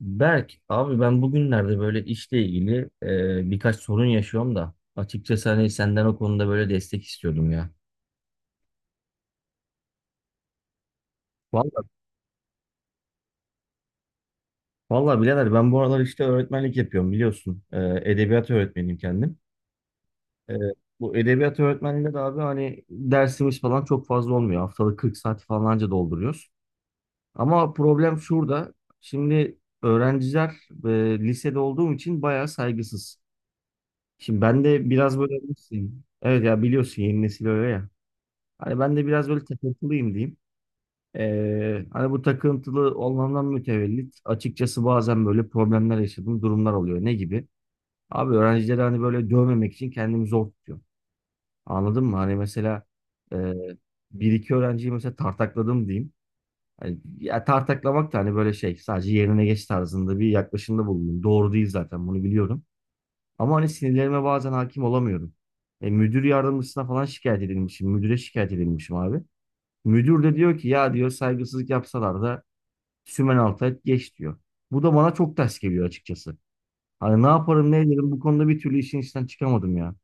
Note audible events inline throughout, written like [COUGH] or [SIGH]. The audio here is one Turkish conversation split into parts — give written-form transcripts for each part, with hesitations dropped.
Berk, abi ben bugünlerde böyle işle ilgili birkaç sorun yaşıyorum da açıkçası hani senden o konuda böyle destek istiyordum ya. Vallahi, vallahi birader ben bu aralar işte öğretmenlik yapıyorum biliyorsun. Edebiyat öğretmeniyim kendim. E, bu edebiyat öğretmenliğinde de abi hani dersimiz falan çok fazla olmuyor. Haftalık 40 saat falanca dolduruyoruz. Ama problem şurada. Şimdi öğrenciler lisede olduğum için bayağı saygısız. Şimdi ben de biraz böyle... bilirsin. Evet ya biliyorsun yeni nesil öyle ya. Hani ben de biraz böyle takıntılıyım diyeyim. Hani bu takıntılı olmamdan mütevellit açıkçası bazen böyle problemler yaşadığım durumlar oluyor. Ne gibi? Abi öğrencileri hani böyle dövmemek için kendimi zor tutuyorum. Anladın mı? Hani mesela e, bir iki öğrenciyi mesela tartakladım diyeyim. Hani, ya tartaklamak da hani böyle şey sadece yerine geç tarzında bir yaklaşımda bulundum. Doğru değil zaten bunu biliyorum. Ama hani sinirlerime bazen hakim olamıyorum. Müdür yardımcısına falan şikayet edilmişim. Müdüre şikayet edilmişim abi. Müdür de diyor ki ya diyor saygısızlık yapsalar da sümen altı geç diyor. Bu da bana çok ters geliyor açıkçası. Hani ne yaparım ne ederim bu konuda bir türlü işin içinden çıkamadım ya.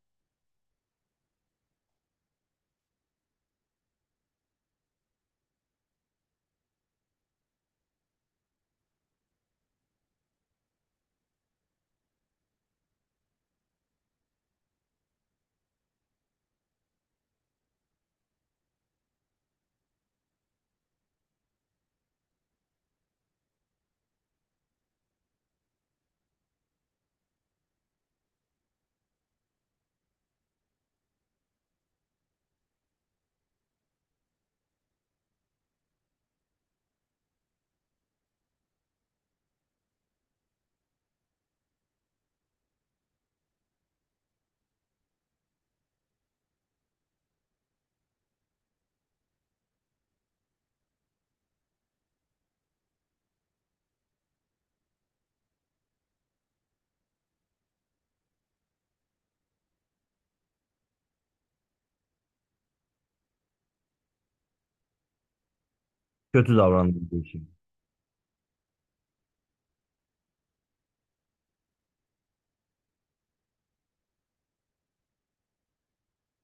Kötü davrandım bu işin.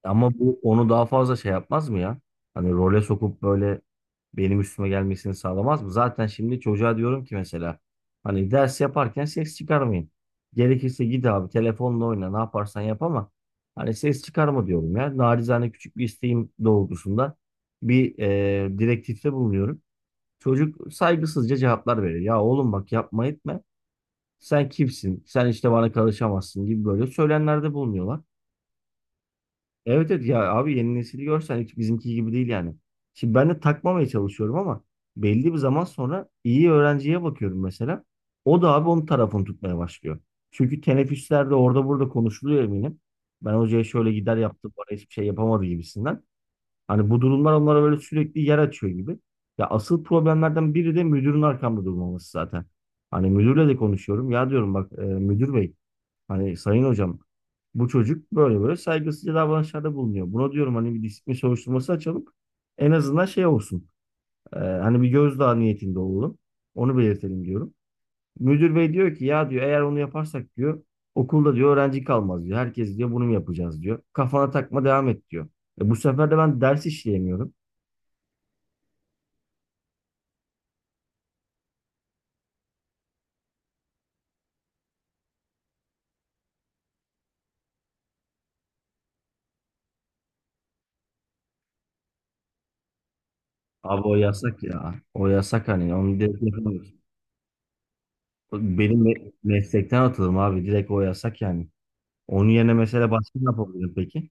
Ama bu onu daha fazla şey yapmaz mı ya? Hani role sokup böyle benim üstüme gelmesini sağlamaz mı? Zaten şimdi çocuğa diyorum ki mesela hani ders yaparken ses çıkarmayın. Gerekirse git abi telefonla oyna ne yaparsan yap ama hani ses çıkarma diyorum ya. Narizane küçük bir isteğim doğrultusunda bir direktifte bulunuyorum. Çocuk saygısızca cevaplar veriyor. Ya oğlum bak yapma etme. Sen kimsin? Sen işte bana karışamazsın gibi böyle söylemlerde bulunuyorlar. Evet evet ya abi yeni nesili görsen hiç bizimki gibi değil yani. Şimdi ben de takmamaya çalışıyorum ama belli bir zaman sonra iyi öğrenciye bakıyorum mesela. O da abi onun tarafını tutmaya başlıyor. Çünkü teneffüslerde orada burada konuşuluyor eminim. Ben hocaya şöyle gider yaptım bana hiçbir şey yapamadı gibisinden. Hani bu durumlar onlara böyle sürekli yer açıyor gibi. Ya asıl problemlerden biri de müdürün arkamda durmaması zaten. Hani müdürle de konuşuyorum. Ya diyorum bak müdür bey hani sayın hocam bu çocuk böyle böyle saygısızca davranışlarda bulunuyor. Buna diyorum hani bir disiplin soruşturması açalım. En azından şey olsun. Hani bir gözdağı niyetinde olalım. Onu belirtelim diyorum. Müdür bey diyor ki ya diyor eğer onu yaparsak diyor okulda diyor öğrenci kalmaz diyor. Herkes diyor bunu mu yapacağız diyor. Kafana takma devam et diyor. Bu sefer de ben ders işleyemiyorum. Abi o yasak ya. O yasak hani. Onu direkt yapamıyoruz. Benim meslekten atılırım abi. Direkt o yasak yani. Onun yerine mesela başka ne yapabilirim peki?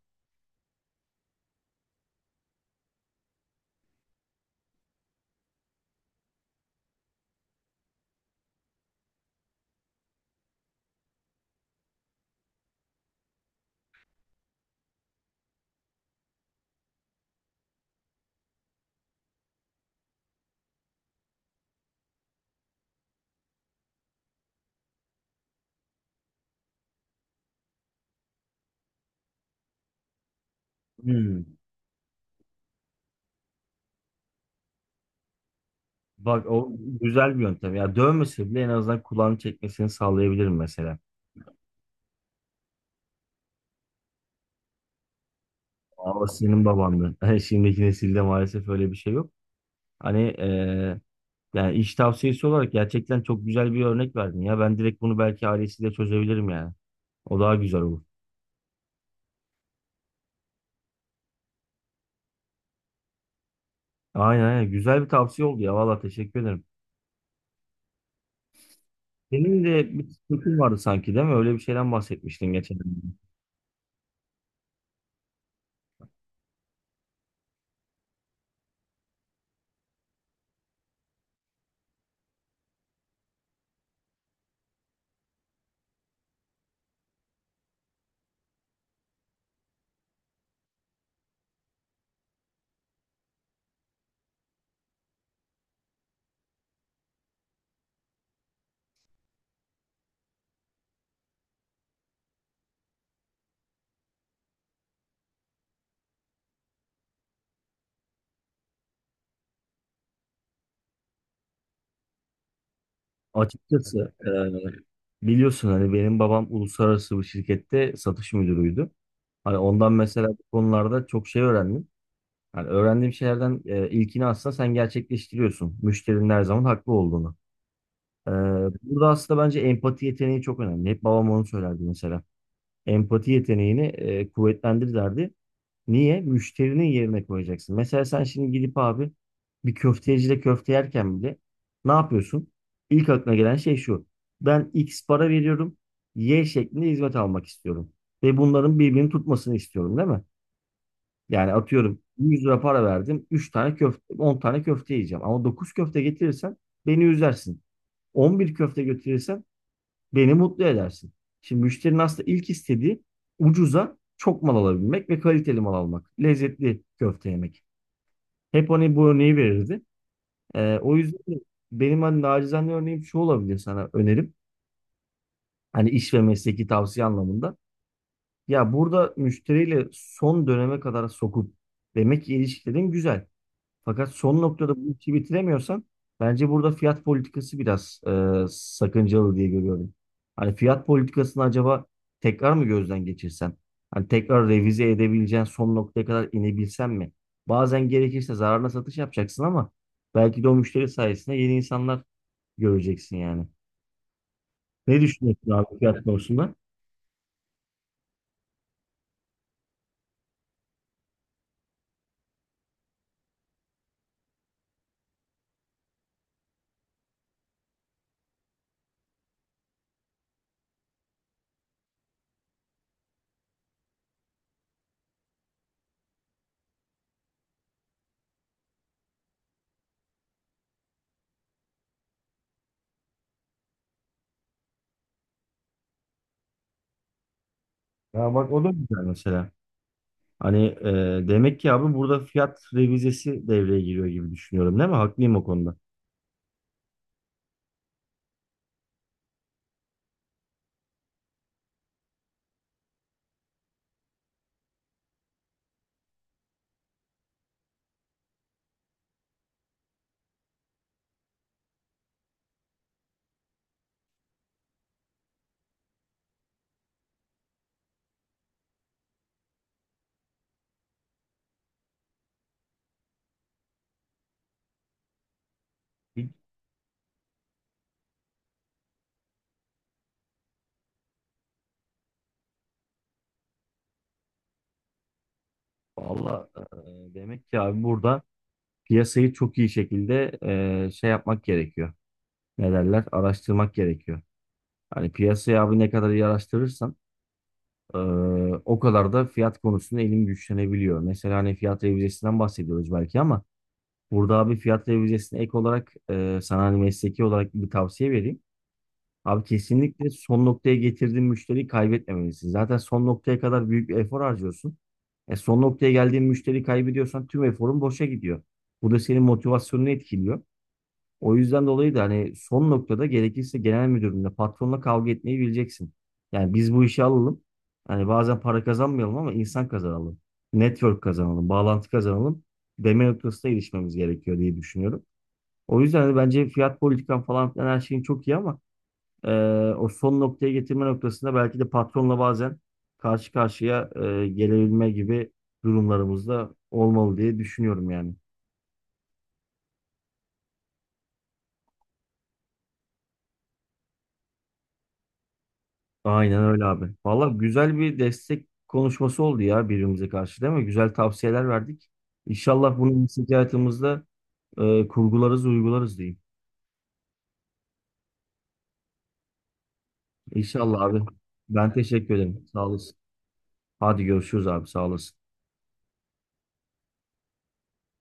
Hmm. Bak o güzel bir yöntem. Ya dövmese bile en azından kulağını çekmesini sağlayabilirim mesela. Ama senin babandı. [LAUGHS] Hani şimdiki nesilde maalesef öyle bir şey yok. Hani yani iş tavsiyesi olarak gerçekten çok güzel bir örnek verdin ya. Ben direkt bunu belki ailesiyle çözebilirim yani. O daha güzel olur. Aynen aynen. Güzel bir tavsiye oldu ya. Valla teşekkür ederim. Senin de bir sıkıntın vardı sanki değil mi? Öyle bir şeyden bahsetmiştin geçen gün. Açıkçası biliyorsun hani benim babam uluslararası bir şirkette satış müdürüydü. Hani ondan mesela bu konularda çok şey öğrendim. Hani öğrendiğim şeylerden ilkini aslında sen gerçekleştiriyorsun. Müşterinin her zaman haklı olduğunu. E, burada aslında bence empati yeteneği çok önemli. Hep babam onu söylerdi mesela. Empati yeteneğini kuvvetlendir derdi. Niye? Müşterinin yerine koyacaksın. Mesela sen şimdi gidip abi bir köftecide köfte yerken bile ne yapıyorsun? İlk aklına gelen şey şu. Ben X para veriyorum. Y şeklinde hizmet almak istiyorum. Ve bunların birbirini tutmasını istiyorum değil mi? Yani atıyorum 100 lira para verdim. Üç tane köfte, 10 tane köfte yiyeceğim. Ama 9 köfte getirirsen beni üzersin. 11 köfte götürürsen beni mutlu edersin. Şimdi müşterinin aslında ilk istediği ucuza çok mal alabilmek ve kaliteli mal almak. Lezzetli köfte yemek. Hep hani bu örneği verirdi. O yüzden de benim hani nacizane örneğim şu olabilir sana önerim. Hani iş ve mesleki tavsiye anlamında. Ya burada müşteriyle son döneme kadar sokup demek ki ilişkilerin güzel. Fakat son noktada bu işi bitiremiyorsan bence burada fiyat politikası biraz sakıncalı diye görüyorum. Hani fiyat politikasını acaba tekrar mı gözden geçirsen? Hani tekrar revize edebileceğin son noktaya kadar inebilsen mi? Bazen gerekirse zararına satış yapacaksın ama belki de o müşteri sayesinde yeni insanlar göreceksin yani. Ne düşünüyorsun abi fiyat konusunda? Ya bak o da güzel mesela. Hani demek ki abi burada fiyat revizesi devreye giriyor gibi düşünüyorum değil mi? Haklıyım o konuda. Valla demek ki abi burada piyasayı çok iyi şekilde şey yapmak gerekiyor. Ne derler? Araştırmak gerekiyor. Hani piyasayı abi ne kadar iyi araştırırsan e, o kadar da fiyat konusunda elin güçlenebiliyor. Mesela hani fiyat revizesinden bahsediyoruz belki ama burada abi fiyat revizesine ek olarak sana hani mesleki olarak bir tavsiye vereyim. Abi kesinlikle son noktaya getirdiğin müşteriyi kaybetmemelisin. Zaten son noktaya kadar büyük bir efor harcıyorsun. Son noktaya geldiğin müşteri kaybediyorsan tüm eforun boşa gidiyor. Bu da senin motivasyonunu etkiliyor. O yüzden dolayı da hani son noktada gerekirse genel müdürünle, patronla kavga etmeyi bileceksin. Yani biz bu işi alalım. Hani bazen para kazanmayalım ama insan kazanalım. Network kazanalım, bağlantı kazanalım. Deme noktasına erişmemiz gerekiyor diye düşünüyorum. O yüzden hani bence fiyat politikan falan filan her şeyin çok iyi ama ee, o son noktaya getirme noktasında belki de patronla bazen karşı karşıya gelebilme gibi durumlarımızda olmalı diye düşünüyorum yani. Aynen öyle abi. Valla güzel bir destek konuşması oldu ya birbirimize karşı değil mi? Güzel tavsiyeler verdik. İnşallah bunu iş hayatımızda kurgularız, uygularız diyeyim. İnşallah abi. Ben teşekkür ederim. Sağ olasın. Hadi görüşürüz abi. Sağ olasın.